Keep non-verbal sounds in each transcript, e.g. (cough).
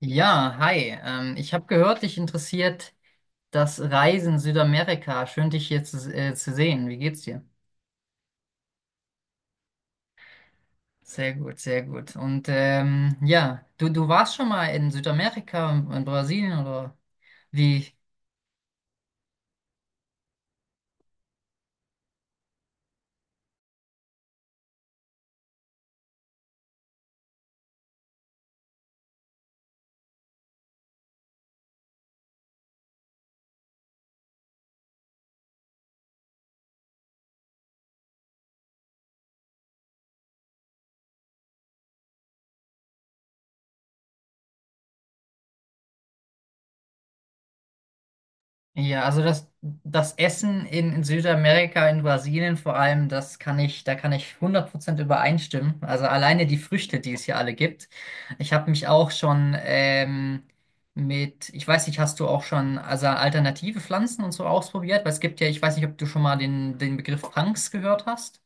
Ja, hi. Ich habe gehört, dich interessiert das Reisen Südamerika. Schön, dich hier zu sehen. Wie geht's dir? Sehr gut, sehr gut. Und ja, du warst schon mal in Südamerika, in Brasilien oder wie? Ja, also das Essen in Südamerika, in Brasilien vor allem, da kann ich 100% übereinstimmen. Also alleine die Früchte, die es hier alle gibt. Ich habe mich auch schon mit, ich weiß nicht, hast du auch schon also alternative Pflanzen und so ausprobiert? Weil es gibt ja, ich weiß nicht, ob du schon mal den Begriff Punks gehört hast.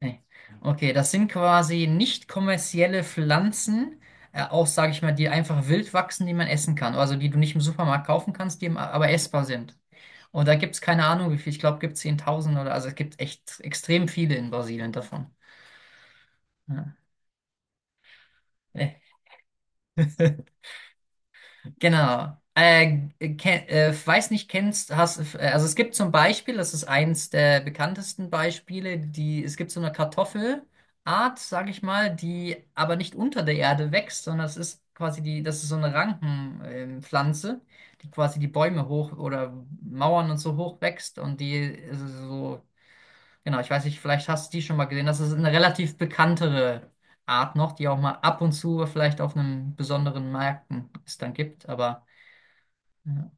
Nee. Okay, das sind quasi nicht kommerzielle Pflanzen, auch sage ich mal, die einfach wild wachsen, die man essen kann. Also die du nicht im Supermarkt kaufen kannst, die aber essbar sind. Und da gibt es keine Ahnung, wie viel. Ich glaube, gibt es 10.000 oder also es gibt echt extrem viele in Brasilien davon. Ja. Nee. (laughs) Genau. Weiß nicht, also es gibt zum Beispiel, das ist eins der bekanntesten Beispiele, es gibt so eine Kartoffelart, sage ich mal, die aber nicht unter der Erde wächst, sondern es ist quasi das ist so eine Pflanze, die quasi die Bäume hoch oder Mauern und so hoch wächst und die ist so, genau, ich weiß nicht, vielleicht hast du die schon mal gesehen, das ist eine relativ bekanntere Art noch, die auch mal ab und zu vielleicht auf einem besonderen Märkten es dann gibt, aber ja.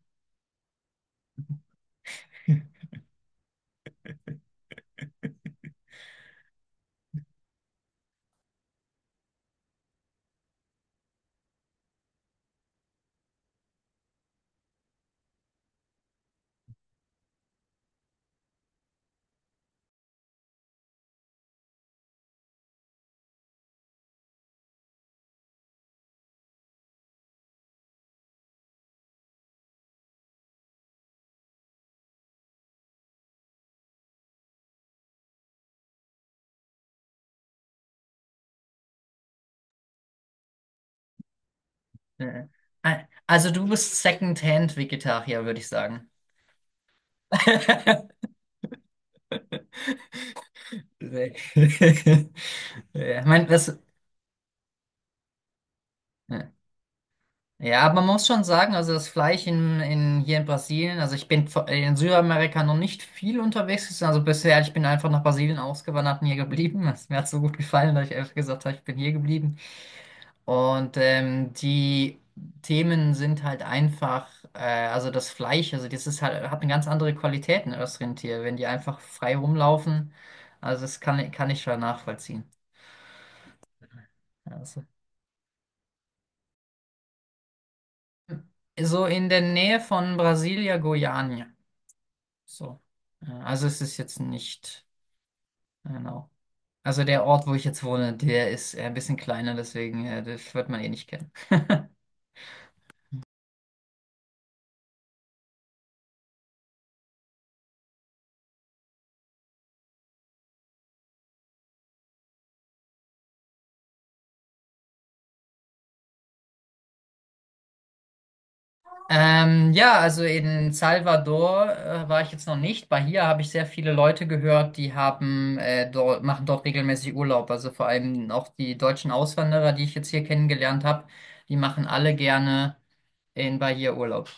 Ja. Ah, also du bist Second-Hand-Vegetarier, würde ich sagen. (laughs) Nee. (laughs) Ja, ich mein, das, ja. Ja, aber man muss schon sagen, also das Fleisch hier in Brasilien, also ich bin in Südamerika noch nicht viel unterwegs gewesen, also bisher, ich bin einfach nach Brasilien ausgewandert und hier geblieben. Es mir hat so gut gefallen, dass ich einfach gesagt habe, ich bin hier geblieben. Und die Themen sind halt einfach, äh, also das Fleisch, also das ist halt, hat eine ganz andere Qualität, ein Össrindtier, wenn die einfach frei rumlaufen. Also das kann ich schon nachvollziehen. Also. So in der Nähe von Brasilia, Goiânia. So. Also es ist jetzt nicht, genau. Also der Ort, wo ich jetzt wohne, der ist ein bisschen kleiner, deswegen das wird man eh nicht kennen. (laughs) Ja, also in Salvador war ich jetzt noch nicht. Bei hier habe ich sehr viele Leute gehört, die haben machen dort regelmäßig Urlaub. Also vor allem auch die deutschen Auswanderer, die ich jetzt hier kennengelernt habe, die machen alle gerne in Bahia Urlaub.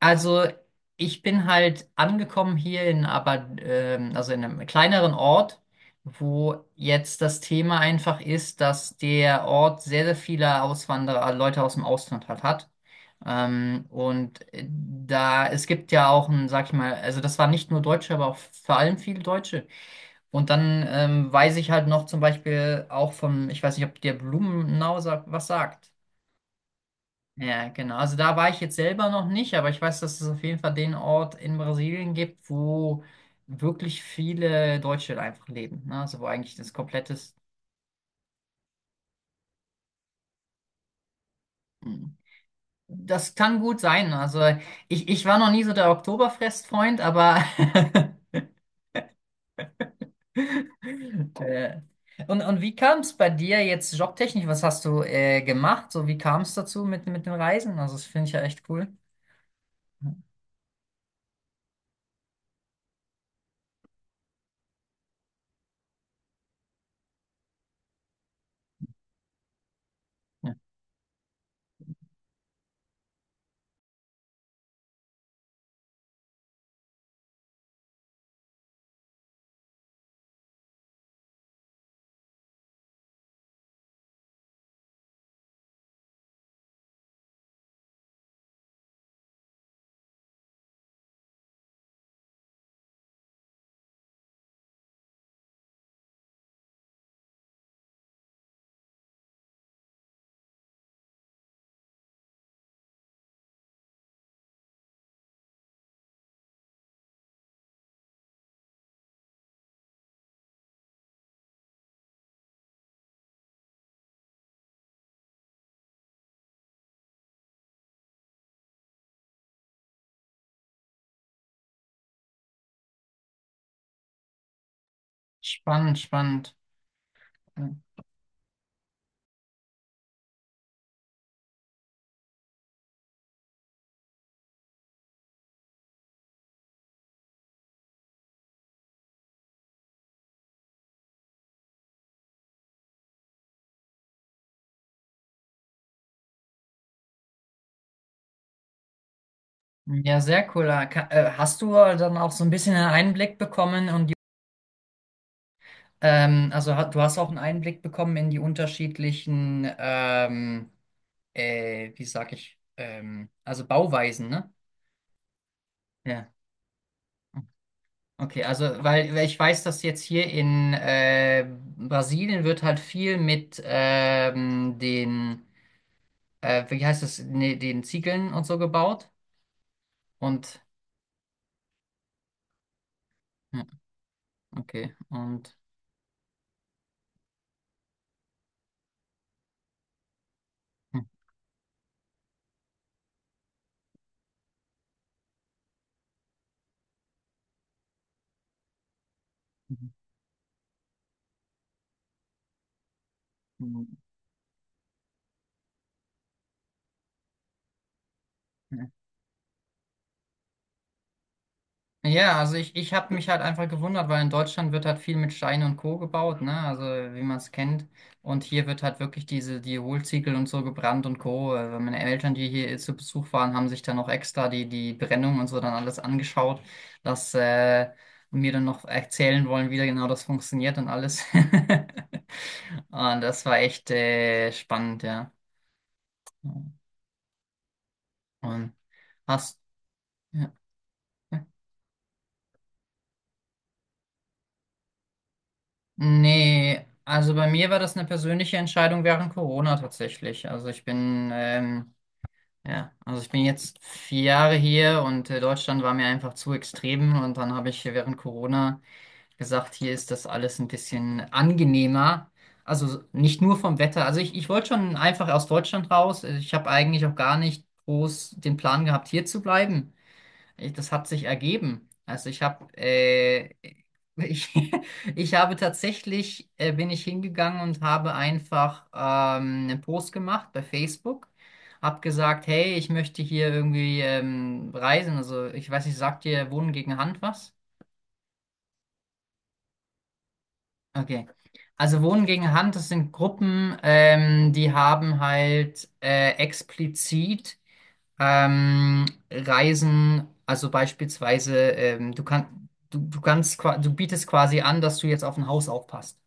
Also ich bin halt angekommen hier in aber also in einem kleineren Ort, wo jetzt das Thema einfach ist, dass der Ort sehr, sehr viele Auswanderer, Leute aus dem Ausland halt hat. Und da, es gibt ja auch ein, sag ich mal, also das waren nicht nur Deutsche, aber auch vor allem viele Deutsche. Und dann weiß ich halt noch zum Beispiel auch vom, ich weiß nicht, ob der Blumenau sagt, was sagt. Ja, genau. Also da war ich jetzt selber noch nicht, aber ich weiß, dass es auf jeden Fall den Ort in Brasilien gibt, wo wirklich viele Deutsche einfach leben. Ne? Also wo eigentlich das komplette. Das kann gut sein. Also ich war noch nie so der Oktoberfest-Freund, aber. (laughs) äh, und wie kam es bei dir jetzt jobtechnisch? Was hast du gemacht? So, wie kam es dazu mit den Reisen? Also das finde ich ja echt cool. Ja. Spannend, spannend. Ja, sehr cool. Hast du dann auch so ein bisschen einen Einblick bekommen und die, also du hast auch einen Einblick bekommen in die unterschiedlichen, wie sag ich, also Bauweisen, ne? Ja. Okay, also weil ich weiß, dass jetzt hier in Brasilien wird halt viel mit den, wie heißt es, nee, den Ziegeln und so gebaut. Und ja, okay, und hm, hm, hm. Ja, also ich habe mich halt einfach gewundert, weil in Deutschland wird halt viel mit Stein und Co. gebaut, ne? Also wie man es kennt. Und hier wird halt wirklich die Hohlziegel und so gebrannt und Co. Meine Eltern, die hier zu Besuch waren, haben sich dann noch extra die Brennung und so dann alles angeschaut, dass und mir dann noch erzählen wollen, wie da genau das funktioniert und alles. (laughs) Und das war echt spannend, ja. Und hast, ja. Nee, also bei mir war das eine persönliche Entscheidung während Corona tatsächlich. Also ich bin jetzt 4 Jahre hier und Deutschland war mir einfach zu extrem und dann habe ich während Corona gesagt, hier ist das alles ein bisschen angenehmer. Also nicht nur vom Wetter. Also ich wollte schon einfach aus Deutschland raus. Ich habe eigentlich auch gar nicht groß den Plan gehabt, hier zu bleiben. Das hat sich ergeben. Also ich habe (laughs) ich, ich habe tatsächlich bin ich hingegangen und habe einfach einen Post gemacht bei Facebook. Hab gesagt, hey, ich möchte hier irgendwie reisen. Also ich weiß nicht, sagt dir Wohnen gegen Hand was? Okay. Also Wohnen gegen Hand, das sind Gruppen, die haben halt explizit Ähm, Reisen, also beispielsweise, du kannst, du kannst, qua- du bietest quasi an, dass du jetzt auf ein Haus aufpasst.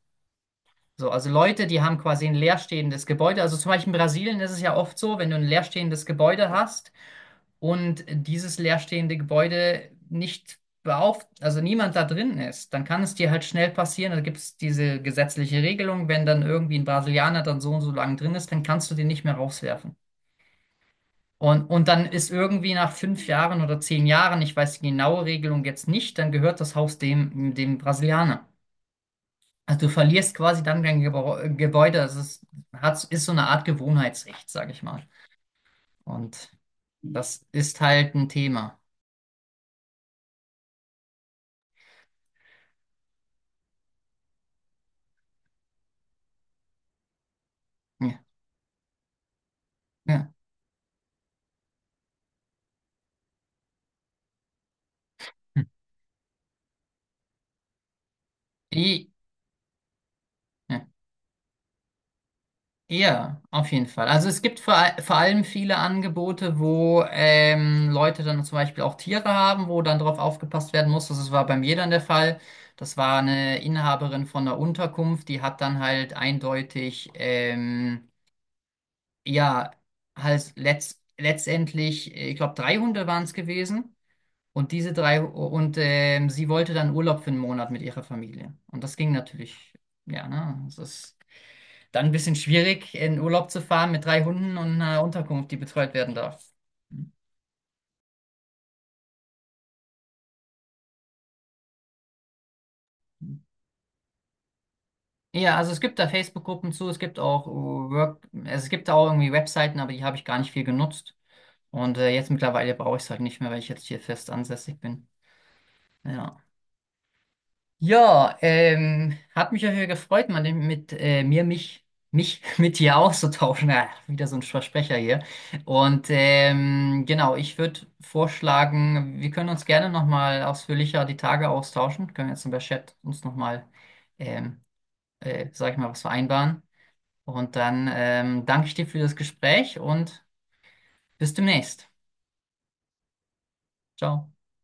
So, also Leute, die haben quasi ein leerstehendes Gebäude. Also zum Beispiel in Brasilien ist es ja oft so, wenn du ein leerstehendes Gebäude hast und dieses leerstehende Gebäude nicht beauf, also niemand da drin ist, dann kann es dir halt schnell passieren. Da gibt es diese gesetzliche Regelung, wenn dann irgendwie ein Brasilianer dann so und so lang drin ist, dann kannst du den nicht mehr rauswerfen. Und dann ist irgendwie nach 5 Jahren oder 10 Jahren, ich weiß die genaue Regelung jetzt nicht, dann gehört das Haus dem Brasilianer. Also du verlierst quasi dann dein Gebäude. Das ist so eine Art Gewohnheitsrecht, sage ich mal. Und das ist halt ein Thema. Ja, ja. Hm. I, ja. Ja, auf jeden Fall. Also es gibt vor allem viele Angebote, wo Leute dann zum Beispiel auch Tiere haben, wo dann drauf aufgepasst werden muss. Das war bei mir dann der Fall. Das war eine Inhaberin von einer Unterkunft, die hat dann halt eindeutig, ja, halt letztendlich, ich glaube, drei Hunde waren es gewesen. Und diese drei, und sie wollte dann Urlaub für einen Monat mit ihrer Familie. Und das ging natürlich, ja, ne? Das ist. Dann ein bisschen schwierig, in Urlaub zu fahren mit drei Hunden und einer Unterkunft, die betreut werden darf. Ja, also es gibt da Facebook-Gruppen zu, es gibt auch Work, also es gibt da auch irgendwie Webseiten, aber die habe ich gar nicht viel genutzt. Und jetzt mittlerweile brauche ich es halt nicht mehr, weil ich jetzt hier fest ansässig bin. Ja. Ja, hat mich ja hier gefreut, mal mit mir, mich, mich (laughs) mit dir auszutauschen. Ja, wieder so ein Versprecher hier. Und genau, ich würde vorschlagen, wir können uns gerne nochmal ausführlicher die Tage austauschen. Können jetzt über Chat uns nochmal, ähm, sag ich mal, was vereinbaren. Und dann danke ich dir für das Gespräch und bis demnächst. Ciao.